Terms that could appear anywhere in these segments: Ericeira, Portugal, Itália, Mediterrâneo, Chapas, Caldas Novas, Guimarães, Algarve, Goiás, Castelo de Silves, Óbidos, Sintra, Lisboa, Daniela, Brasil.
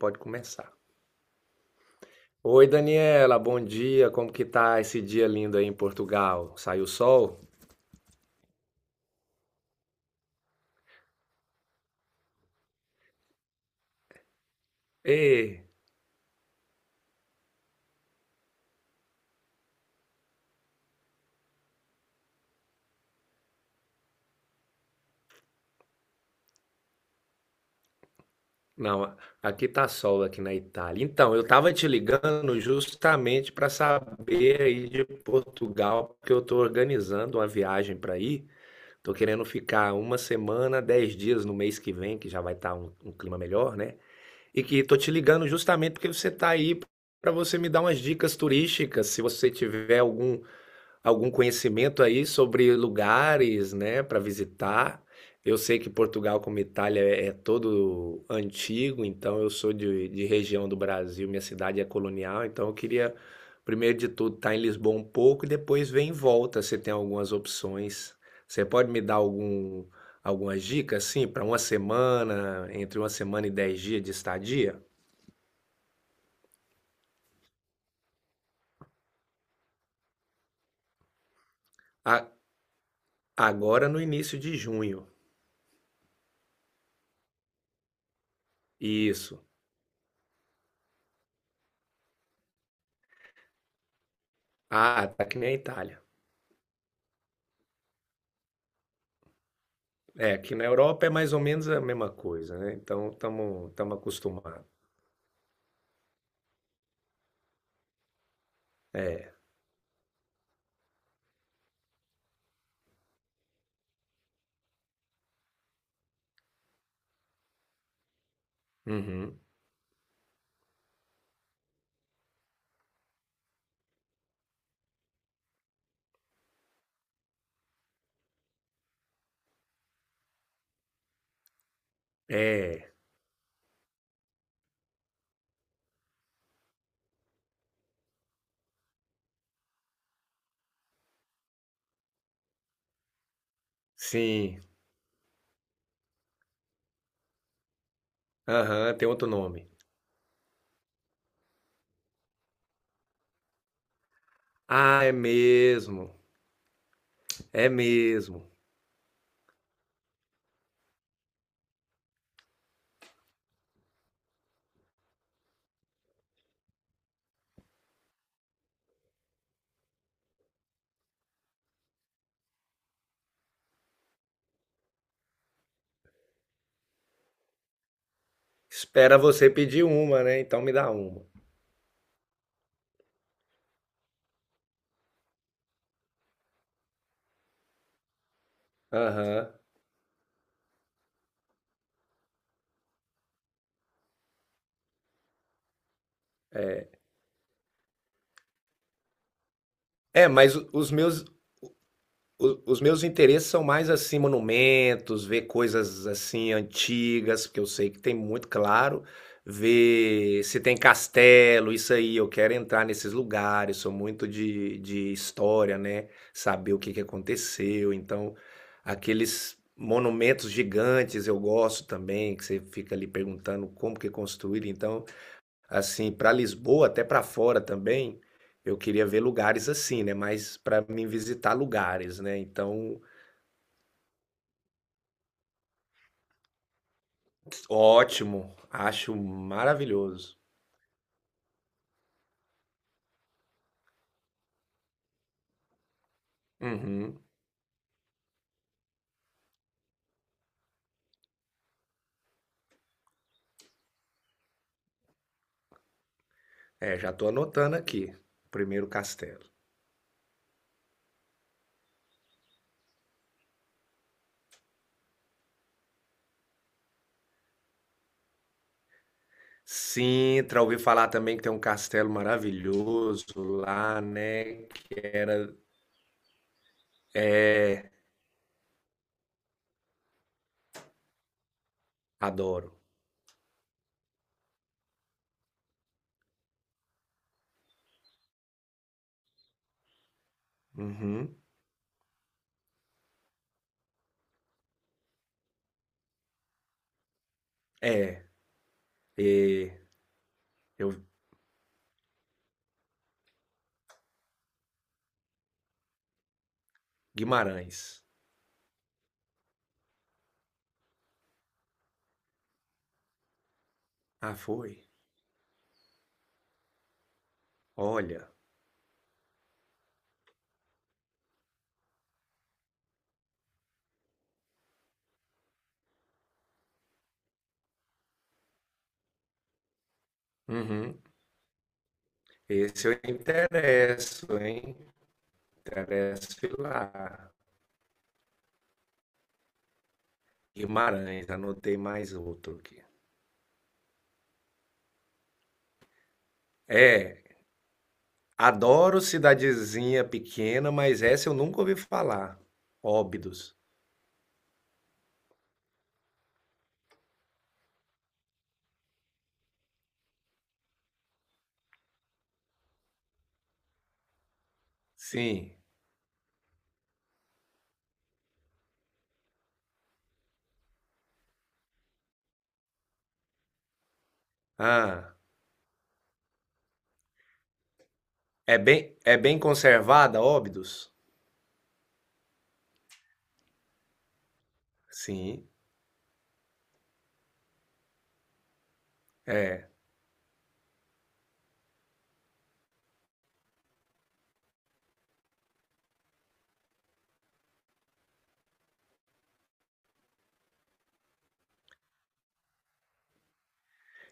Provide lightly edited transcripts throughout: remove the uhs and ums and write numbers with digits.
Pode começar. Oi, Daniela, bom dia. Como que tá esse dia lindo aí em Portugal? Saiu sol? Ê, não, aqui tá sol aqui na Itália. Então, eu tava te ligando justamente para saber aí de Portugal, porque eu tô organizando uma viagem para ir. Tô querendo ficar uma semana, 10 dias que vem, que já vai estar um clima melhor, né? E que tô te ligando justamente porque você tá aí para você me dar umas dicas turísticas, se você tiver algum conhecimento aí sobre lugares, né, para visitar? Eu sei que Portugal, como Itália, é todo antigo, então eu sou de região do Brasil, minha cidade é colonial, então eu queria, primeiro de tudo, estar em Lisboa um pouco e depois ver em volta se tem algumas opções. Você pode me dar algum, algumas dicas, assim, para uma semana, entre uma semana e 10 dias? A- Agora no início de junho. Isso. Ah, tá que nem a Itália. É, aqui na Europa é mais ou menos a mesma coisa, né? Então estamos acostumados. É. Uhum. É. Sim. Aham, tem outro nome. Ah, é mesmo. É mesmo. Espera você pedir uma, né? Então me dá uma. Aham. É, mas os meus os meus interesses são mais assim, monumentos, ver coisas assim antigas, porque eu sei que tem muito, claro, ver se tem castelo, isso aí, eu quero entrar nesses lugares, sou muito de história, né? Saber o que que aconteceu, então aqueles monumentos gigantes eu gosto também, que você fica ali perguntando como que construíram, então assim, para Lisboa, até para fora também, eu queria ver lugares assim, né? Mas para mim visitar lugares, né? Então, ótimo, acho maravilhoso. Uhum. É, já tô anotando aqui. Primeiro castelo. Sintra, ouvi falar também que tem um castelo maravilhoso lá, né? Que era. É, adoro. Uhum. É, e eu. Guimarães. Ah, foi? Olha. Uhum. Esse eu interesso, hein? Interesso lá. Guimarães, anotei mais outro aqui. É, adoro cidadezinha pequena, mas essa eu nunca ouvi falar. Óbidos. Sim. Ah, é bem conservada, Óbidos? Sim, é.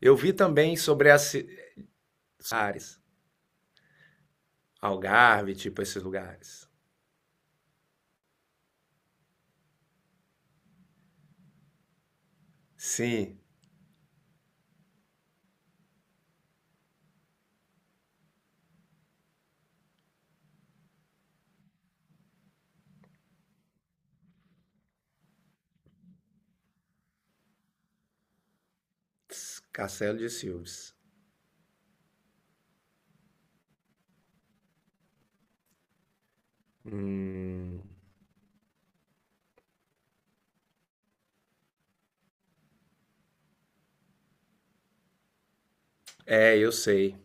Eu vi também sobre as áreas, Algarve, tipo esses lugares. Sim, Castelo de Silves. Hum, é, eu sei.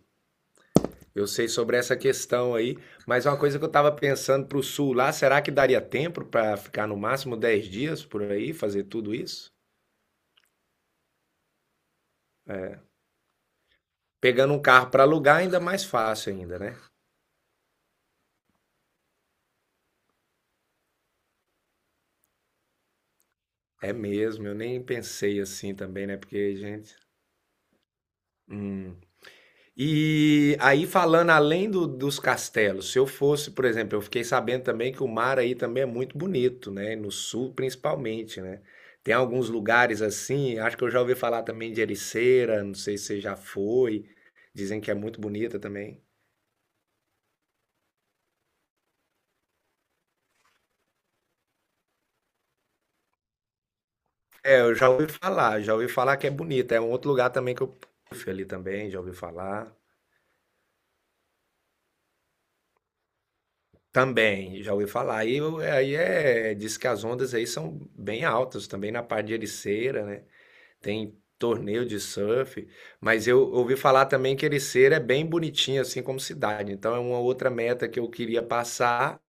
Eu sei sobre essa questão aí, mas é uma coisa que eu estava pensando para o sul lá, será que daria tempo para ficar no máximo 10 dias, fazer tudo isso? Pegando um carro para alugar é ainda mais fácil ainda, né? É mesmo, eu nem pensei assim também, né? Porque, gente, hum, e aí, falando além dos castelos, se eu fosse, por exemplo, eu fiquei sabendo também que o mar aí também é muito bonito, né? No sul, principalmente, né? Tem alguns lugares assim, acho que eu já ouvi falar também de Ericeira, não sei se você já foi, dizem que é muito bonita também. É, eu já ouvi falar que é bonita. É um outro lugar também que eu fui ali também, já ouvi falar. Também, já ouvi falar. Aí, aí é, diz que as ondas aí são bem altas também na parte de Ericeira, né? Tem torneio de surf, mas eu ouvi falar também que Ericeira é bem bonitinha, assim como cidade. Então é uma outra meta que eu queria passar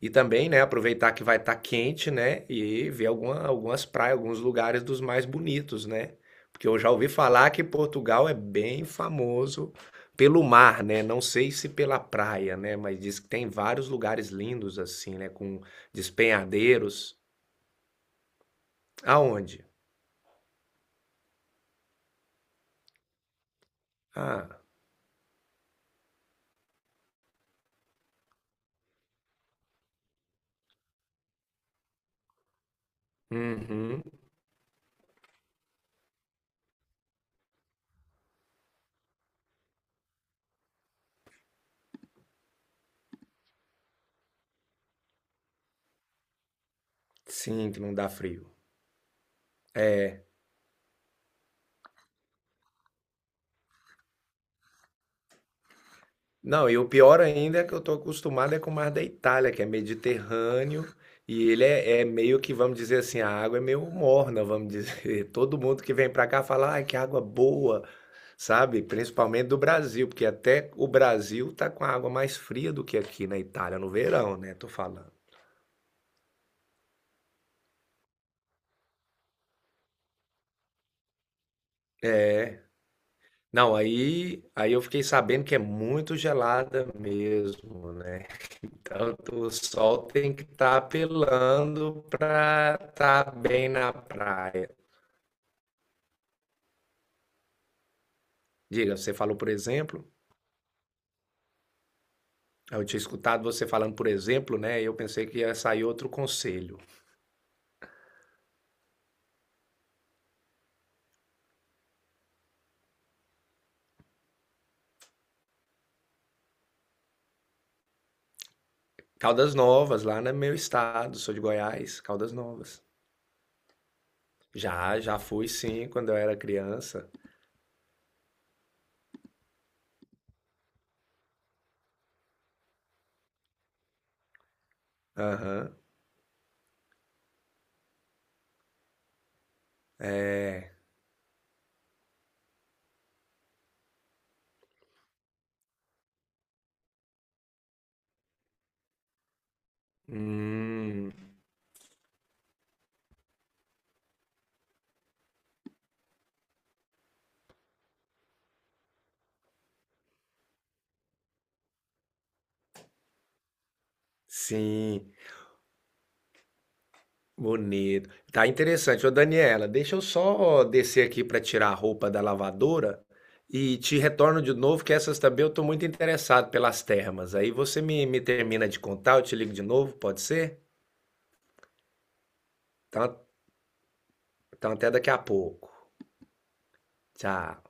e também, né, aproveitar que vai estar quente, né, e ver alguma, algumas praias, alguns lugares dos mais bonitos, né? Porque eu já ouvi falar que Portugal é bem famoso pelo mar, né? Não sei se pela praia, né, mas diz que tem vários lugares lindos assim, né, com despenhadeiros. Aonde? Ah, uhum, sim, que não dá frio. Não, e o pior ainda é que eu tô acostumado é com o mar da Itália, que é Mediterrâneo, e ele é, é meio que, vamos dizer assim, a água é meio morna, vamos dizer. Todo mundo que vem pra cá fala, ai, que água boa, sabe? Principalmente do Brasil, porque até o Brasil tá com a água mais fria do que aqui na Itália, no verão, né? Tô falando. Não, aí, aí eu fiquei sabendo que é muito gelada mesmo, né? Tanto o sol tem que estar apelando para estar bem na praia. Diga, você falou por exemplo, eu tinha escutado você falando por exemplo, né, e eu pensei que ia sair outro conselho. Caldas Novas, lá no meu estado, sou de Goiás, Caldas Novas. Já, já fui sim, quando eu era criança. Aham. Hum, sim, bonito. Tá interessante. Ô, Daniela, deixa eu só descer aqui para tirar a roupa da lavadora e te retorno de novo, que essas também eu tô muito interessado pelas termas. Aí você me, me termina de contar, eu te ligo de novo, pode ser? Então, Então, até daqui a pouco. Tchau.